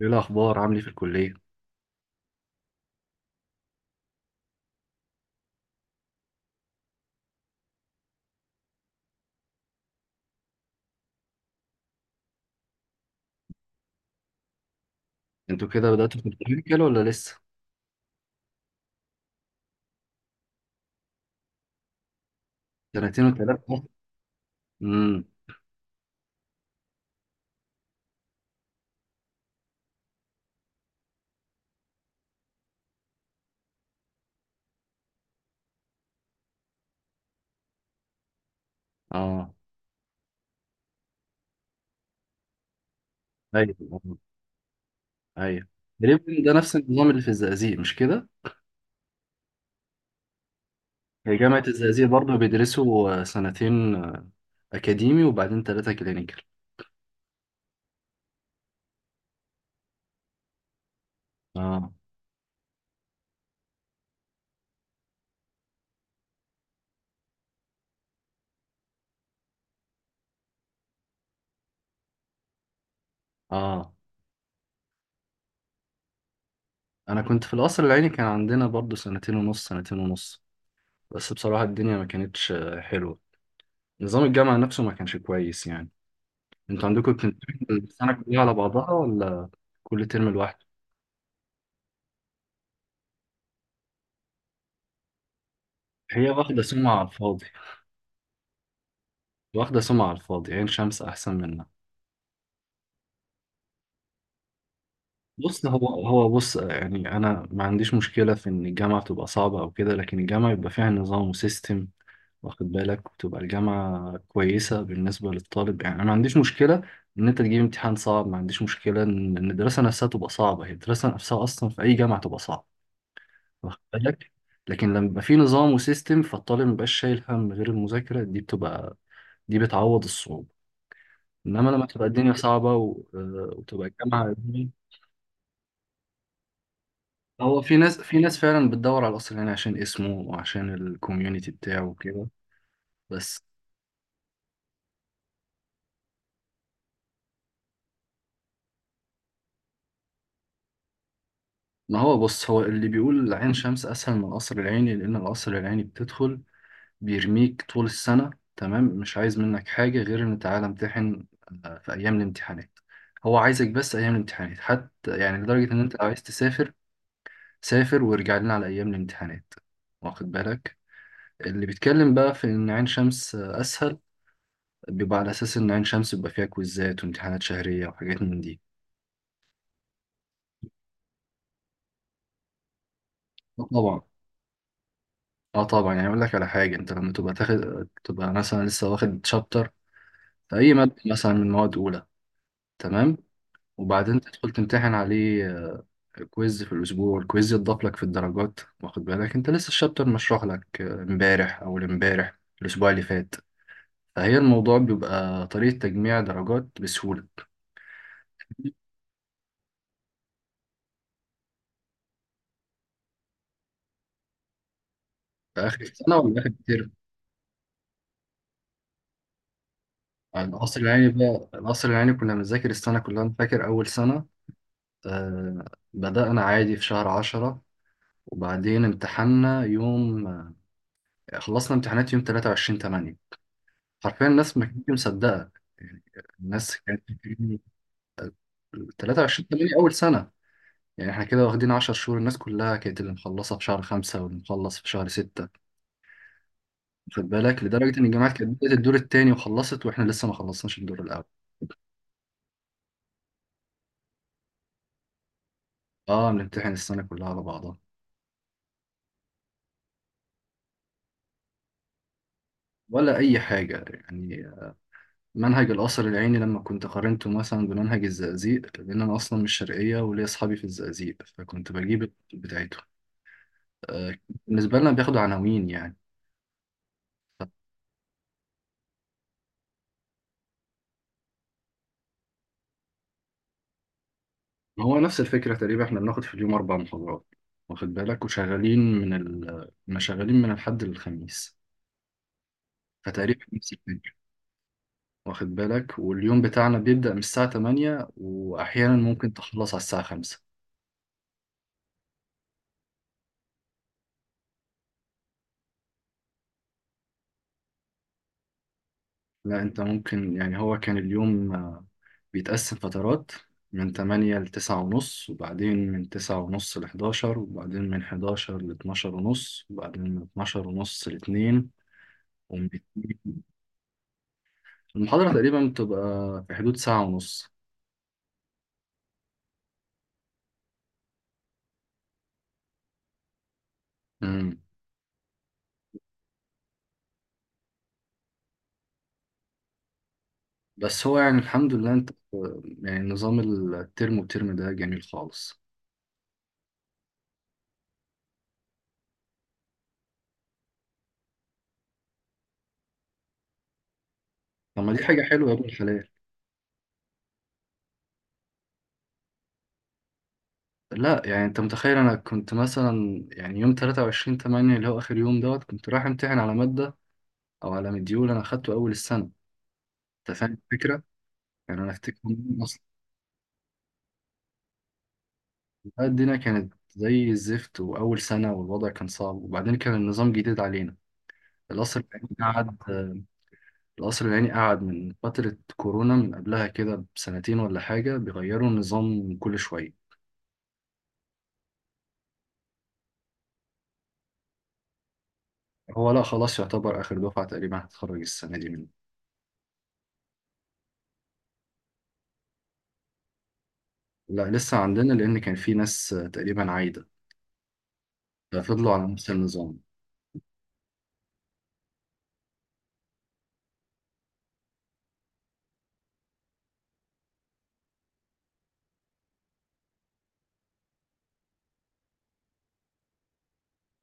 ايه الاخبار؟ عامل ايه في الكليه؟ انتوا كده بداتوا في الكلينيكال ولا لسه؟ سنتين وثلاثه. امم. اه. ايوه. آه. ايوه. تقريبا ده نفس النظام اللي في الزقازيق، مش كده؟ هي جامعه الزقازيق برضه بيدرسوا سنتين اكاديمي، وبعدين ثلاثه كلينيكال. اه. اه. انا كنت في القصر العيني، كان عندنا برضه سنتين ونص سنتين ونص. بس بصراحه الدنيا ما كانتش حلوه. نظام الجامعه نفسه ما كانش كويس يعني. انتوا عندكم بتمتحنوا السنه كلها على بعضها ولا كل ترم لوحده؟ هي واخدة سمعة على الفاضي. واخدة سمعة على الفاضي. عين شمس أحسن منها. بص هو هو بص يعني أنا ما عنديش مشكلة في إن الجامعة تبقى صعبة أو كده، لكن الجامعة يبقى فيها نظام وسيستم، واخد بالك، وتبقى الجامعة كويسة بالنسبة للطالب. يعني أنا ما عنديش مشكلة إن أنت تجيب امتحان صعب، ما عنديش مشكلة إن الدراسة نفسها تبقى صعبة. هي الدراسة نفسها أصلا في أي جامعة تبقى صعبة. واخد بالك. لكن لما يبقى في نظام وسيستم، فالطالب مبقاش شايل هم غير المذاكرة. دي بتعوض الصعوبة. انما لما تبقى الدنيا صعبة و... آه، وتبقى الجامعة. هو في ناس فعلا بتدور على الاصل، يعني عشان اسمه وعشان الكوميونتي بتاعه وكده. بس ما هو بص، هو اللي بيقول عين شمس اسهل من القصر العيني لان القصر العيني بتدخل بيرميك طول السنه. تمام. مش عايز منك حاجه غير ان تعالى امتحن في ايام الامتحانات. هو عايزك بس ايام الامتحانات حتى، يعني لدرجه ان انت لو عايز تسافر، سافر وارجع لنا على ايام الامتحانات. واخد بالك. اللي بيتكلم بقى في ان عين شمس اسهل، بيبقى على اساس ان عين شمس بيبقى فيها كويزات وامتحانات شهريه وحاجات من دي. آه طبعا. اه طبعا. يعني اقول لك على حاجه. انت لما تبقى تاخد تبقى مثلا لسه واخد شابتر في اي ماده مثلا من مواد اولى. تمام. وبعدين تدخل تمتحن عليه كويز في الاسبوع. الكويز يتضاف لك في الدرجات، واخد بالك، انت لسه الشابتر مشروح لك امبارح او امبارح الاسبوع اللي فات. فهي الموضوع بيبقى طريقه تجميع درجات بسهوله. في اخر السنه ولا اخر الترم؟ القصر العيني بقى، القصر العيني كنا بنذاكر السنة كلها. أنا فاكر أول سنة آه بدأنا عادي في شهر عشرة، وبعدين امتحنا يوم خلصنا امتحانات يوم تلاتة وعشرين تمانية. حرفيا الناس ما كانتش مصدقة يعني. الناس كانت بتقول تلاتة وعشرين تمانية أول سنة! يعني احنا كده واخدين عشر شهور. الناس كلها كانت اللي مخلصة في شهر خمسة واللي مخلص في شهر ستة. خد بالك لدرجة إن الجامعات كانت بدأت الدور التاني وخلصت، وإحنا لسه ما خلصناش الدور الأول. اه بنمتحن السنة كلها على بعضها. ولا أي حاجة يعني. منهج القصر العيني لما كنت قارنته مثلا بمنهج الزقازيق، لأن أنا أصلا مش شرقية وليا أصحابي في الزقازيق فكنت بجيب بتاعته آه، بالنسبة لنا بياخدوا عناوين يعني. هو نفس الفكرة تقريبا. إحنا بناخد في اليوم أربع محاضرات، واخد بالك، وشغالين من ال كنا شغالين من الحد للخميس. فتقريبا نفس الفكرة. واخد بالك. واليوم بتاعنا بيبدأ من الساعة 8 وأحيانا ممكن تخلص على الساعة 5. لا انت ممكن، يعني هو كان اليوم بيتقسم فترات. من 8 ل 9 ونص، وبعدين من 9 ونص ل 11، وبعدين من 11 ل 12 ونص، وبعدين من 12 ونص ل 2، ومن 2. المحاضرة تقريبا بتبقى في حدود ساعة ونص. مم. بس هو يعني الحمد لله. انت يعني نظام الترم. والترم ده جميل خالص. طب ما دي حاجة حلوة يا ابن الحلال. لا يعني، انت متخيل انا كنت مثلا يعني يوم 23/8 اللي هو اخر يوم دوت كنت رايح امتحن على مادة او على مديول انا اخدته اول السنه. انت فاهم الفكره. يعني انا افتكر إن اصلا الدنيا كانت زي الزفت، واول سنه، والوضع كان صعب، وبعدين كان النظام جديد علينا. القصر العيني قعد القصر العيني قعد من فتره كورونا، من قبلها كده بسنتين ولا حاجه، بيغيروا النظام كل شويه. هو لا خلاص، يعتبر اخر دفعه تقريبا هتتخرج السنه دي منه. لا لسه عندنا، لان كان في ناس تقريبا عايده، ففضلوا على نفس النظام.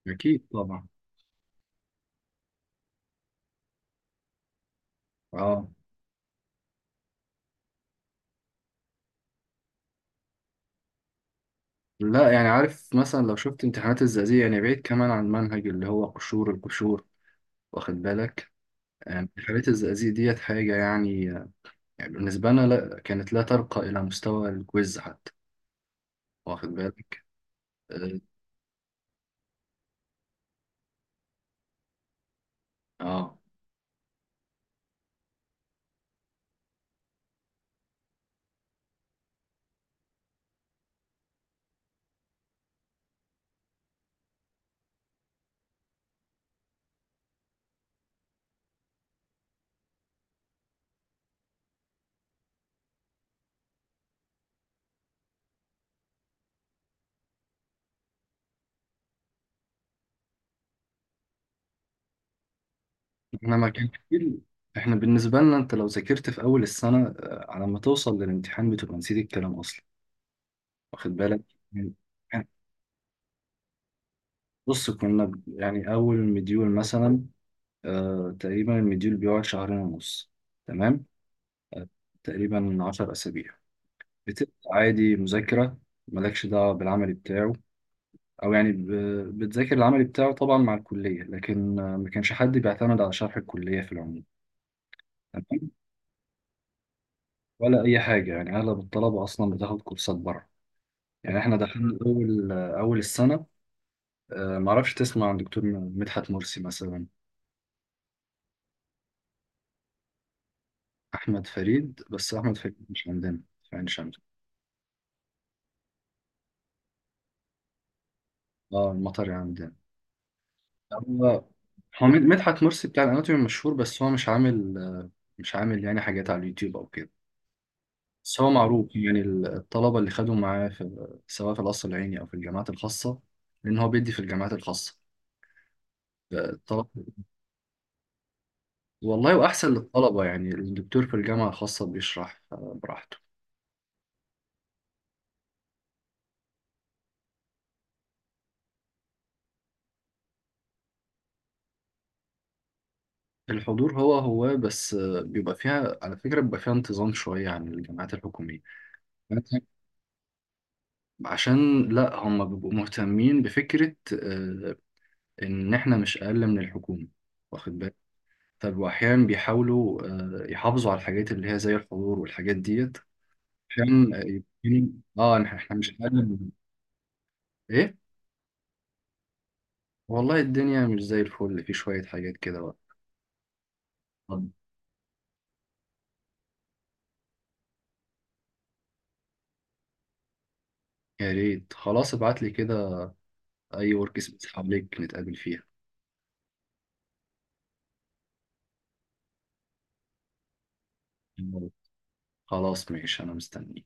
اكيد طبعا. اه. لا يعني، عارف مثلا لو شفت امتحانات الزقازيق، يعني بعيد كمان عن المنهج اللي هو قشور القشور، واخد بالك. امتحانات الزقازيق ديت حاجة يعني يعني بالنسبة لنا لا كانت لا ترقى إلى مستوى الكويز حتى. واخد بالك. اه. آه. احنا ما كان كتير. احنا بالنسبة لنا، انت لو ذاكرت في أول السنة على ما توصل للامتحان بتبقى نسيت الكلام أصلا. واخد بالك. يعني. يعني يعني أول مديول مثلا. آه تقريبا المديول بيقعد شهرين ونص. تمام. تقريبا عشر أسابيع. بتبقى عادي مذاكرة. مالكش دعوة بالعمل بتاعه. أو يعني بتذاكر العمل بتاعه طبعا مع الكلية، لكن ما كانش حد بيعتمد على شرح الكلية في العموم. تمام. ولا أي حاجة يعني. أغلب الطلبة أصلا بتاخد كورسات بره. يعني إحنا دخلنا أول أول السنة معرفش تسمع عن دكتور مدحت مرسي مثلا. أحمد فريد، بس أحمد فريد مش عندنا في عين شمس. اه المطر عندنا. هو مدحت مرسي بتاع الاناتومي مشهور، بس هو مش عامل. مش عامل يعني حاجات على اليوتيوب او كده. بس هو معروف يعني. الطلبه اللي خدوا معاه، في سواء في القصر العيني او في الجامعات الخاصه، لان هو بيدي في الجامعات الخاصه الطلبة. والله واحسن للطلبه يعني. الدكتور في الجامعه الخاصه بيشرح براحته. الحضور هو هو، بس بيبقى فيها على فكره بيبقى فيها انتظام شويه عن الجامعات الحكوميه. عشان لا، هم بيبقوا مهتمين بفكرة آه، ان احنا مش اقل من الحكومه، واخد بالك. طب واحيانا بيحاولوا يحافظوا على الحاجات اللي هي زي الحضور والحاجات ديت، عشان اه احنا مش اقل من. ايه. والله الدنيا مش زي الفل. في شويه حاجات كده بقى. طب يا ريت. خلاص ابعت لي كده اي ورك سبيس حواليك نتقابل فيها. خلاص ماشي انا مستني.